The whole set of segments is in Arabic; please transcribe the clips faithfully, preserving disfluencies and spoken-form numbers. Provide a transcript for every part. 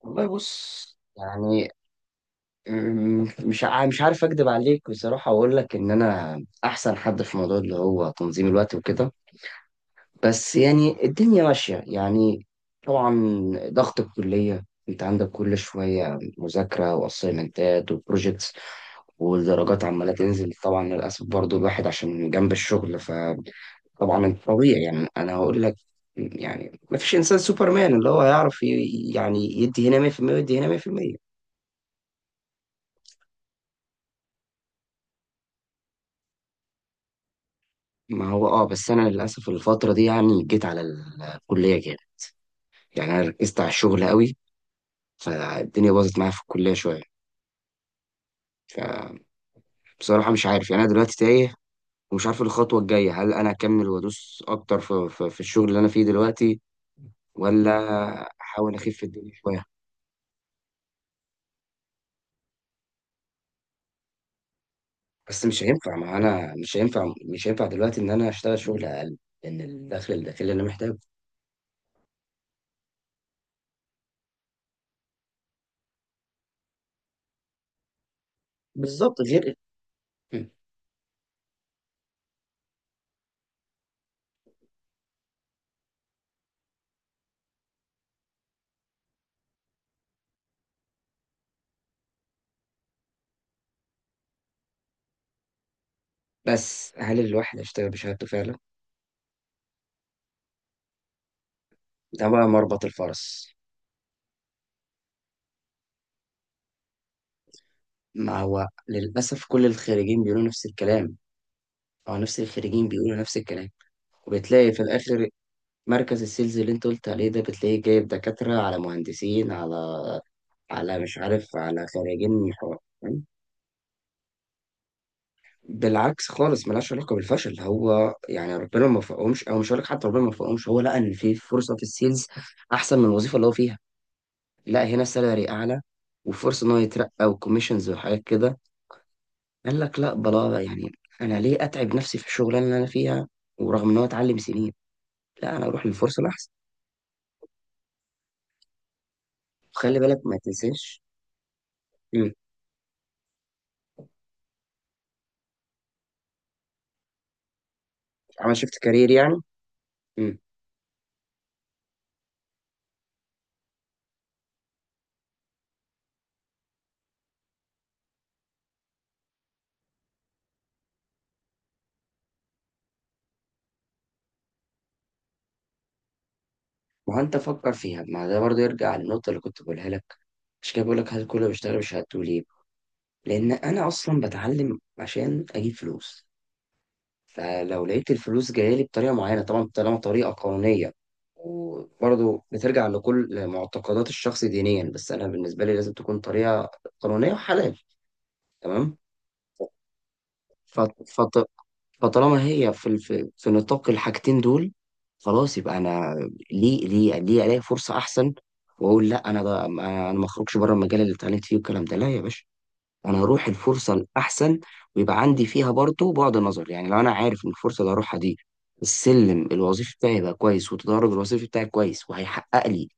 والله بص، يعني أمم، مش ع- مش عارف اكدب عليك بصراحه واقول لك ان انا احسن حد في موضوع اللي هو تنظيم الوقت وكده. بس يعني الدنيا ماشيه، يعني طبعا. ضغط الكليه، انت عندك كل شويه مذاكره واسايمنتات وبروجيكتس، والدرجات عماله تنزل، طبعا للاسف برضو الواحد عشان جنب الشغل ف... طبعا انت طبيعي، يعني انا هقول لك، يعني ما فيش انسان سوبرمان اللي هو يعرف ي- يعني يدي هنا مية في المية ويدي هنا مية في المية. ما هو اه بس انا للاسف الفتره دي يعني جيت على الكليه جامد. يعني انا ركزت على الشغل قوي، فالدنيا باظت معايا في الكليه شويه. فبصراحه مش عارف، يعني انا دلوقتي تايه ومش عارف الخطوه الجايه، هل انا اكمل وادوس اكتر في, في, في الشغل اللي انا فيه دلوقتي ولا احاول اخف الدنيا شويه؟ بس مش هينفع، ما انا مش هينفع مش هينفع دلوقتي ان انا اشتغل شغل اقل، لان الدخل الداخلي اللي انا محتاجه. بالظبط غير. بس هل الواحد هيشتغل بشهادته فعلا؟ ده بقى مربط الفرس. ما هو للأسف كل الخريجين بيقولوا نفس الكلام، أو نفس الخريجين بيقولوا نفس الكلام. وبتلاقي في الآخر مركز السيلز اللي أنت قلت عليه ده بتلاقيه جايب دكاترة على مهندسين على على مش عارف على خريجين حقوق. فاهم؟ بالعكس خالص، ملهاش علاقة بالفشل، هو يعني ربنا ما وفقهمش، أو مش هقول لك حتى ربنا ما وفقهمش، هو لقى إن في فرصة في السيلز أحسن من الوظيفة اللي هو فيها. لا هنا سالري أعلى وفرصة إن هو يترقى وكوميشنز وحاجات كده. قال لك لا، بلا يعني، انا ليه اتعب نفسي في الشغلانه اللي انا فيها ورغم ان هو اتعلم سنين، لا انا اروح للفرصه الاحسن. وخلي بالك ما تنساش. امم، عمل شيفت كارير يعني. امم. وانت فكر فيها، ما ده برضه يرجع للنقطه اللي كنت بقولها لك، مش كده؟ بقول لك هل كله بيشتغل بشهادته ليه؟ لان انا اصلا بتعلم عشان اجيب فلوس. فلو لقيت الفلوس جايه لي بطريقه معينه، طبعا طالما طريقه قانونيه، وبرضه بترجع لكل معتقدات الشخص دينيا، بس انا بالنسبه لي لازم تكون طريقه قانونيه وحلال. تمام. فط- فط- فطالما هي في في في نطاق الحاجتين دول، خلاص يبقى انا ليه ليه ليه الاقي فرصه احسن، واقول لا انا بقى، انا أنا ما اخرجش بره المجال اللي اتعلمت فيه والكلام ده. لا يا باشا، انا هروح الفرصه الاحسن، ويبقى عندي فيها برضه بعد نظر. يعني لو انا عارف ان الفرصه اللي هروحها دي السلم الوظيفي بتاعي يبقى كويس، والتدرج الوظيفي بتاعي كويس، وهيحقق لي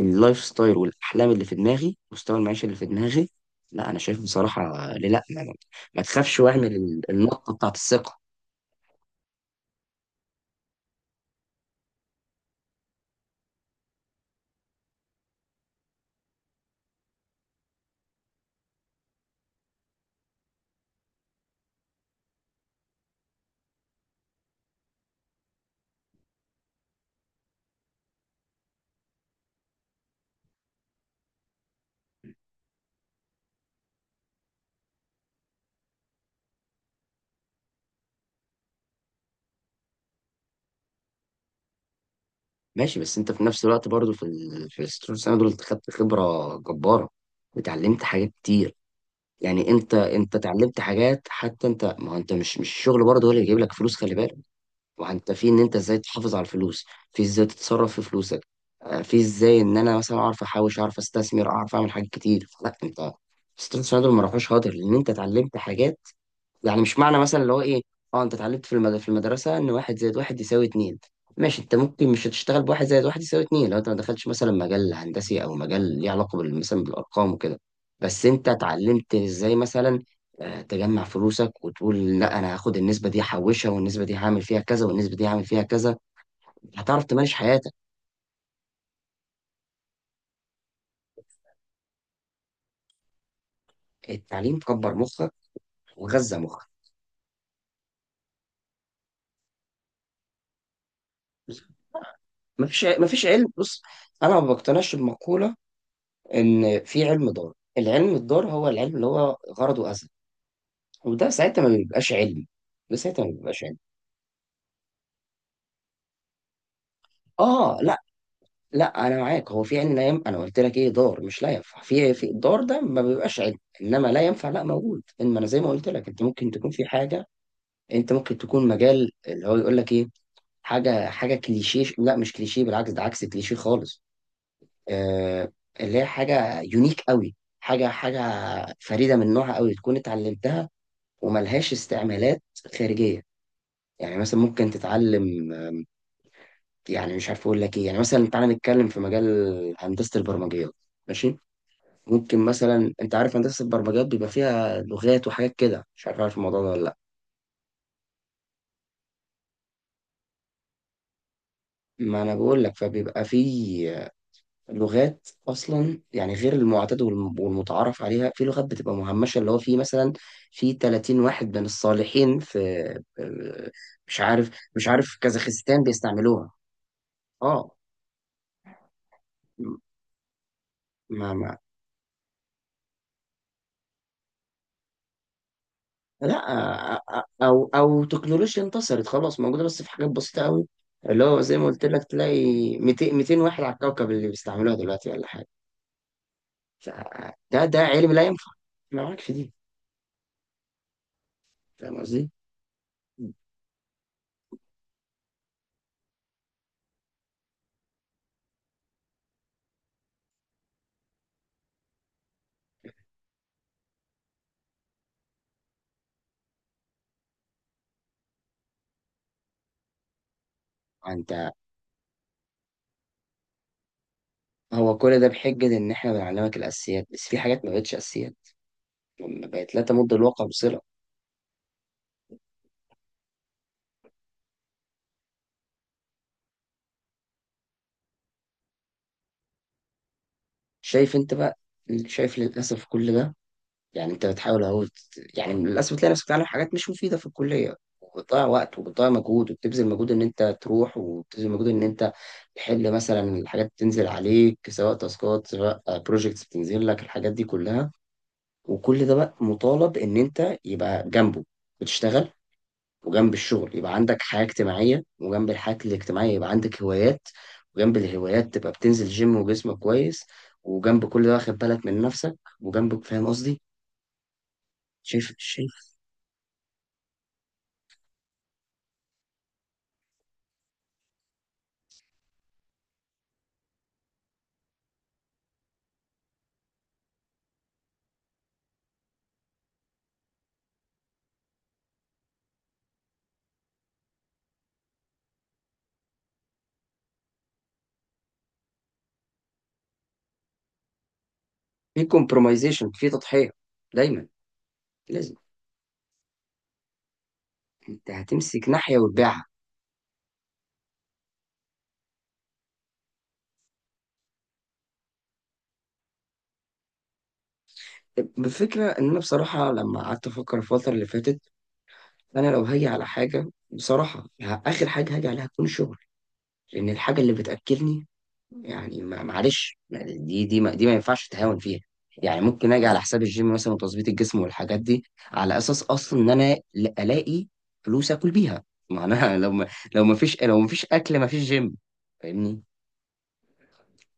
اللايف ستايل والاحلام اللي في دماغي، مستوى المعيشه اللي في دماغي، لا انا شايف بصراحه ليه لا. ما, ما تخافش واعمل ال- النقطه بتاعت الثقه. ماشي، بس انت في نفس الوقت برضو في ال... في الست سنه دول انت خدت خبره جباره وتعلمت حاجات كتير. يعني انت انت اتعلمت حاجات، حتى انت ما هو انت مش مش الشغل برضه هو اللي يجيب لك فلوس، خلي بالك. ما انت في ان انت ازاي تحافظ على الفلوس، في ازاي تتصرف في فلوسك، آه، في ازاي ان انا مثلا اعرف احوش، اعرف استثمر، اعرف اعمل حاجات كتير. لا انت ستريت سايدر ما راحوش هدر، لان انت اتعلمت حاجات. يعني مش معنى مثلا اللي هو ايه، اه انت اتعلمت في المد... في المدرسه ان واحد زائد واحد يساوي اتنين. ماشي، انت ممكن مش هتشتغل بواحد زائد واحد يساوي اتنين لو انت ما دخلتش مثلا مجال هندسي، او مجال ليه علاقه بال- مثلا بالارقام وكده. بس انت اتعلمت ازاي مثلا آه، تجمع فلوسك وتقول لا انا هاخد النسبه دي هحوشها، والنسبه دي هعمل فيها كذا، والنسبه دي هعمل فيها كذا. هتعرف تمارس حياتك. التعليم كبر مخك وغذى مخك. مفيش ع- مفيش علم. بص، انا ما بقتنعش بمقوله ان في علم، دار العلم الدار هو العلم اللي هو غرضه اذى، وده ساعتها ما بيبقاش علمي. ده ساعتها ما بيبقاش علمي. اه لا، لا انا معاك، هو في علم لا ينفع. انا قلت لك ايه، دار مش لا ينفع. في إيه؟ في الدار ده ما بيبقاش علم، انما لا ينفع لا موجود. انما انا زي ما قلت لك، انت ممكن تكون في حاجه، انت ممكن تكون مجال اللي هو يقول لك ايه، حاجه حاجه كليشيه. لا مش كليشيه، بالعكس ده عكس كليشيه خالص. آه اللي هي حاجه يونيك قوي، حاجه حاجه فريده من نوعها قوي تكون اتعلمتها وملهاش استعمالات خارجية. يعني مثلا ممكن تتعلم، يعني مش عارف اقول لك ايه، يعني مثلا تعالى نتكلم في مجال هندسة البرمجيات. ماشي، ممكن مثلا انت عارف هندسة البرمجيات بيبقى فيها لغات وحاجات كده، مش عارف عارف الموضوع ده ولا لا. ما انا بقول لك فبيبقى في لغات اصلا، يعني غير المعتاد والم- والمتعارف عليها، في لغات بتبقى مهمشه، اللي هو في مثلا في تلاتين واحد من الصالحين في مش عارف، مش عارف كازاخستان بيستعملوها. اه، ما ما لا أ- أ- او او تكنولوجيا انتصرت خلاص موجوده، بس في حاجات بسيطه قوي، اللي هو زي ما قلت لك تلاقي 200 200 واحد على الكوكب اللي بيستعملوها دلوقتي ولا حاجه. ف- ده ده علم لا ينفع، ما معاك في دي. فاهم قصدي؟ عن هو كل ده بحجة إن إحنا بنعلمك الأساسيات، بس في حاجات ما بقتش أساسيات، ما بقت لا تمد الواقع بصلة. شايف أنت بقى؟ شايف للأسف كل ده؟ يعني أنت بتحاول أهو ت- يعني للأسف تلاقي نفسك بتتعلم حاجات مش مفيدة في الكلية، وبتضيع وقت، وبتضيع مجهود، وبتبذل مجهود إن أنت تروح، وبتبذل مجهود إن أنت تحل مثلا الحاجات بتنزل عليك، سواء تاسكات سواء بروجيكتس بتنزل لك الحاجات دي كلها. وكل ده بقى مطالب إن أنت يبقى جنبه بتشتغل، وجنب الشغل يبقى عندك حياة اجتماعية، وجنب الحياة الاجتماعية يبقى عندك هوايات، وجنب الهوايات تبقى بتنزل جيم وجسمك كويس، وجنب كل ده واخد بالك من نفسك، وجنبك. فاهم قصدي؟ شايف شايف في كومبرومايزيشن، في تضحية دايما، لازم انت هتمسك ناحية وتبيعها. بفكرة ان انا بصراحة لما قعدت افكر الفترة اللي فاتت، انا لو هاجي على حاجة بصراحة، ه- اخر حاجة هاجي عليها تكون شغل، لان الحاجة اللي بتأكلني، يعني ما- معلش، دي دي ما دي ما ينفعش تهاون فيها. يعني ممكن اجي على حساب الجيم مثلا وتظبيط الجسم والحاجات دي، على اساس اصلا ان انا ل- الاقي فلوس اكل بيها. ما انا لو ما لو ما فيش لو ما فيش اكل، ما فيش جيم. فاهمني؟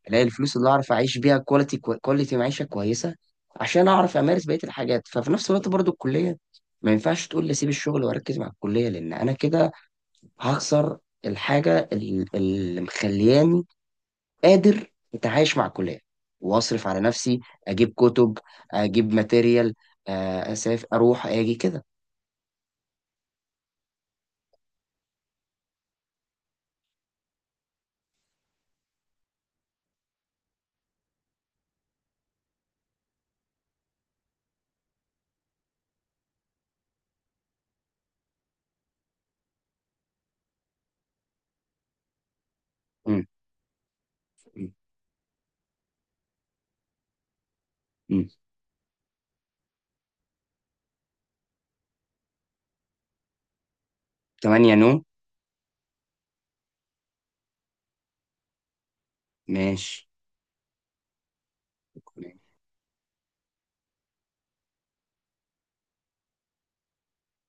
الاقي الفلوس اللي اعرف اعيش بيها كواليتي كواليتي معيشه كويسه، عشان اعرف امارس بقيه الحاجات. ففي نفس الوقت برضو الكليه ما ينفعش تقول لي سيب الشغل واركز مع الكليه، لان انا كده هخسر الحاجه ال- اللي مخلياني قادر اتعايش مع الكليه واصرف على نفسي، اجيب كتب، اجيب ماتيريال، آه، اسافر، اروح، اجي كده. مم، مم، مم. تمانية نوم. ماشي.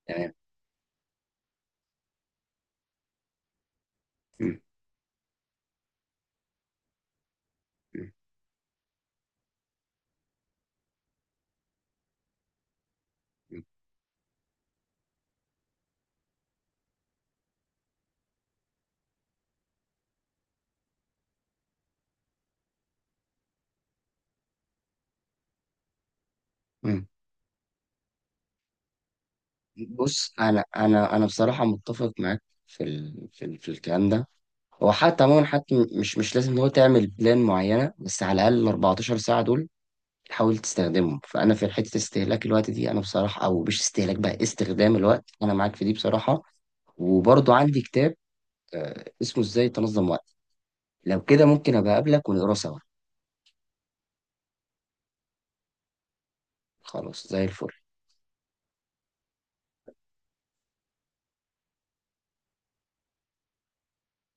تمام. مم، مم، مم، مم. بص، انا انا انا بصراحه متفق معاك في ال... في, ال... في الكلام ده. هو حتى عموما، حتى م- مش مش لازم هو تعمل بلان معينه، بس على الاقل ال اربعتاشر ساعه دول تحاول تستخدمهم. فانا في حته استهلاك الوقت دي، انا بصراحه، او مش استهلاك بقى، استخدام الوقت، انا معاك في دي بصراحه. وبرضو عندي كتاب آه، اسمه ازاي تنظم وقتك، لو كده ممكن ابقى اقابلك ونقراه سوا. خلاص، زي الفل.